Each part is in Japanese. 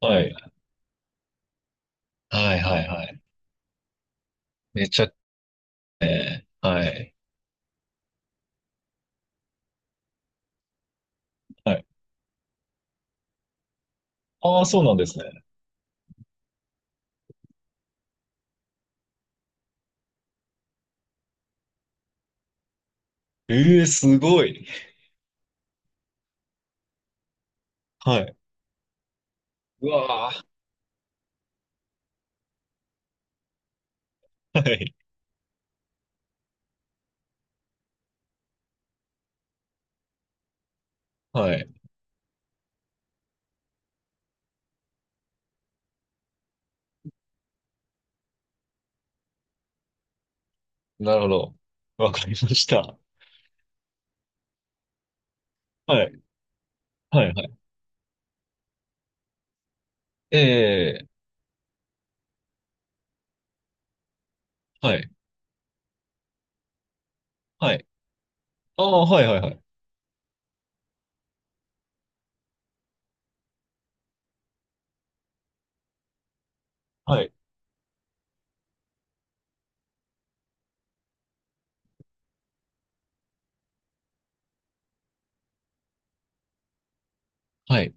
はい。はいはいはい。めちゃ、えー、はい。はい。ああ、そうなんですね。ええ、すごい。はい。うわあ。はい。はい。なるほど。わかりました。はい。はいはい。ええ、はい。はい。ああ、はいはいはい。はい。はい。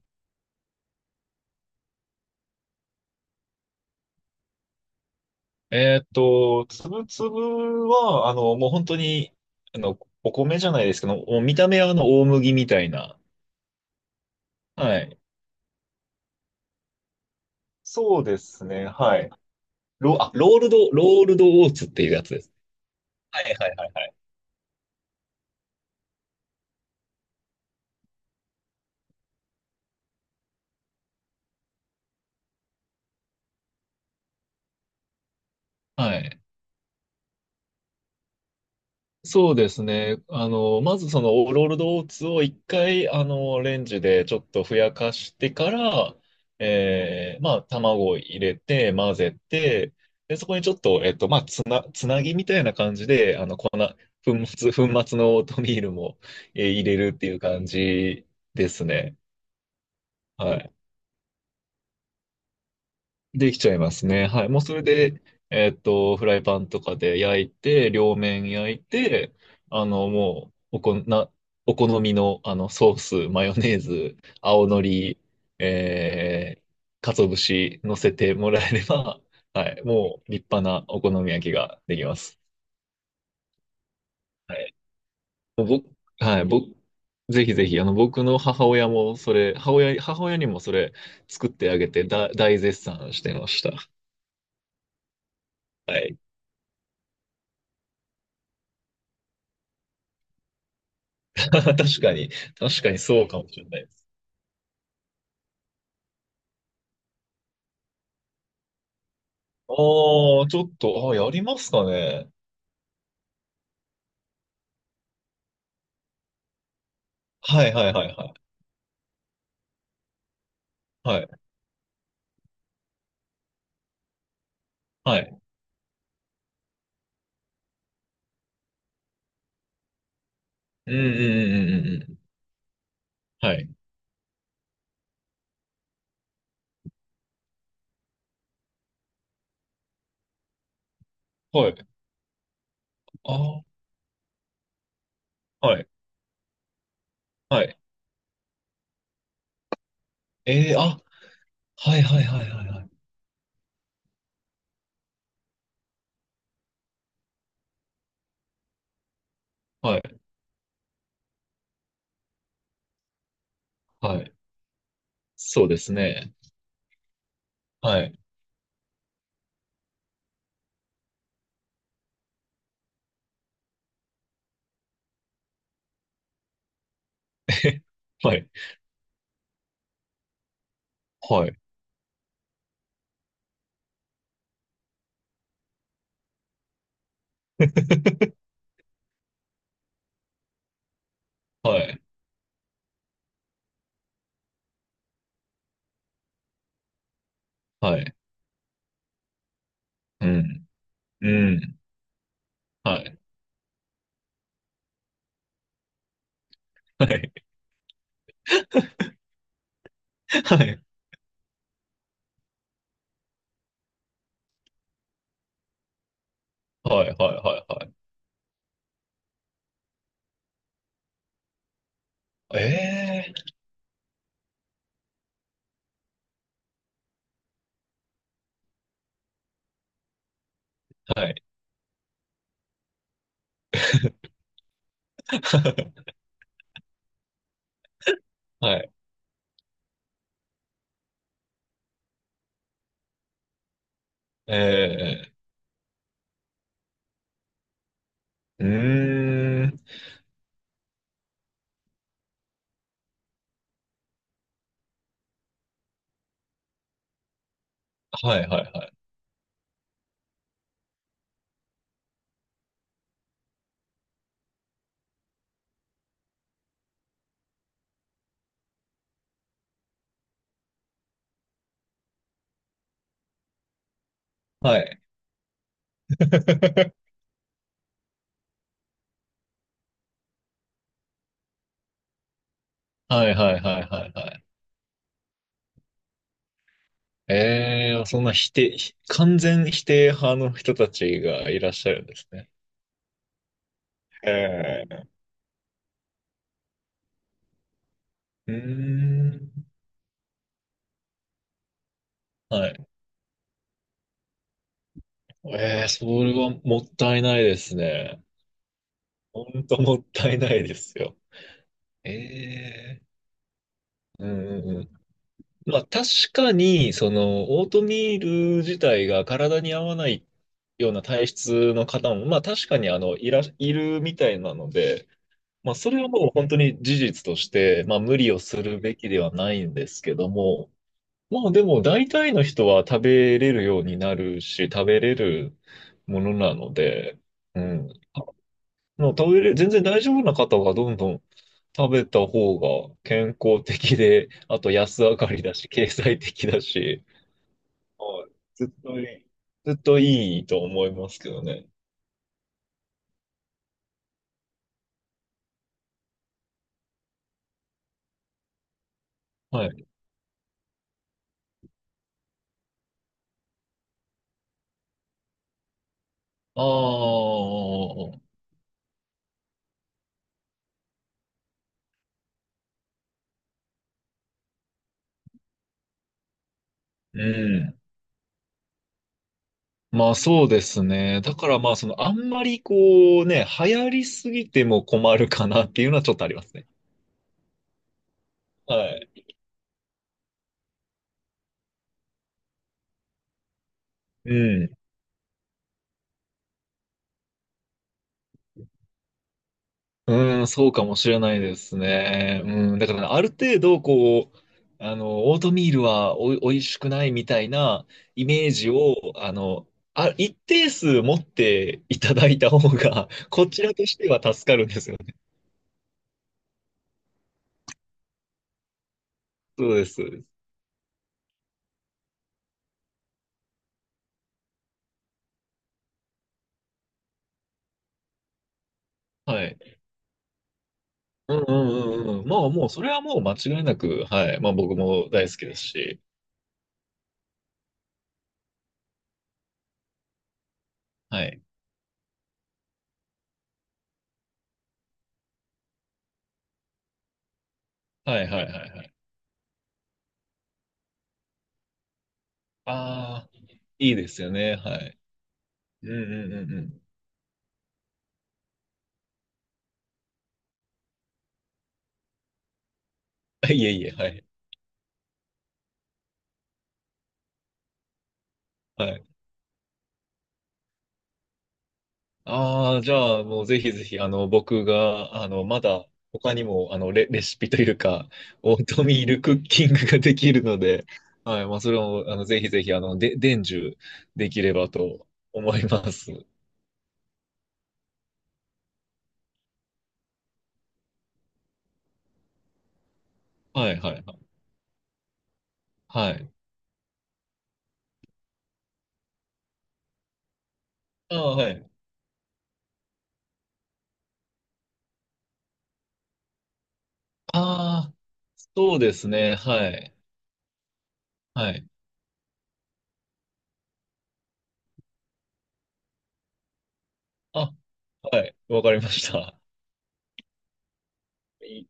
つぶつぶは、もう本当に、お米じゃないですけど、もう見た目は大麦みたいな。はい。そうですね。はい。ロールドオーツっていうやつです。はいはいはいはい。はい。そうですね。まずそのオーロルドオーツを一回、レンジでちょっとふやかしてから、まあ、卵を入れて、混ぜて、で、そこにちょっと、まあ、つなぎみたいな感じで、粉末のオートミールも、入れるっていう感じですね。はい。できちゃいますね。はい。もうそれで、フライパンとかで焼いて、両面焼いて、もう、おこ、な、お好みの、ソース、マヨネーズ、青のり、えー、鰹節乗せてもらえれば、はい。もう、立派なお好み焼きができます。はい。もう僕、はい。僕、ぜひぜひ、僕の母親も、それ、母親、母親にもそれ、作ってあげて、大絶賛してました。はい。確かに。確かにそうかもしれないです。ああ、ちょっと、やりますかね。はいはいはいはい。はい。はい。うんうんうんうんうんうん。はい。はい。ああ、はい。はい。ええーあ、はいはいはいはいはい。はい。はい。そうですね。はい。はい。はい。はい。はい。うん。うん。はい。はい。はい。はい。はい。はいはい。ええーはい。はい。ええーうーん。はいはいはい。はい。はいはいはいはいはい。ええ、そんな否定、完全否定派の人たちがいらっしゃるんですね。ええ、うーん。はい。ええ、それはもったいないですね。ほんともったいないですよ。ええ、うんうんうん。まあ確かに、その、オートミール自体が体に合わないような体質の方も、まあ確かにいるみたいなので、まあ、それはもう本当に事実として、まあ、無理をするべきではないんですけども、まあ、でも大体の人は食べれるようになるし、食べれるものなので、うん。まあもう食べれ、全然大丈夫な方はどんどん食べた方が健康的で、あと安上がりだし、経済的だし、はい。ずっといい。ずっといいと思いますけどね。はい。ああ、うん。まあそうですね。だからまああんまりこうね、流行りすぎても困るかなっていうのはちょっとありますね。はい。うん。うん、そうかもしれないですね。うん。だからある程度こう、オートミールはおいしくないみたいなイメージを、あの、一定数持っていただいた方が、こちらとしては助かるんですよね。そうです、そうです。はい。うんうんうんうん。まあもう、それはもう間違いなく、はい。まあ僕も大好きですし。はい。はいはいはいはい。ああ、いいですよね。はい。うんうんうんうん。いえいえ、はい。はい。ああ、じゃあ、もうぜひぜひ、僕が、まだ、他にも、レシピというか、オートミールクッキングができるので、はい。まあ、それを、ぜひぜひ、で、伝授できればと思います。はいはいはい。はい。ああ、はい。ああ、そうですね。はい。はい。あ、はい。わかりました。い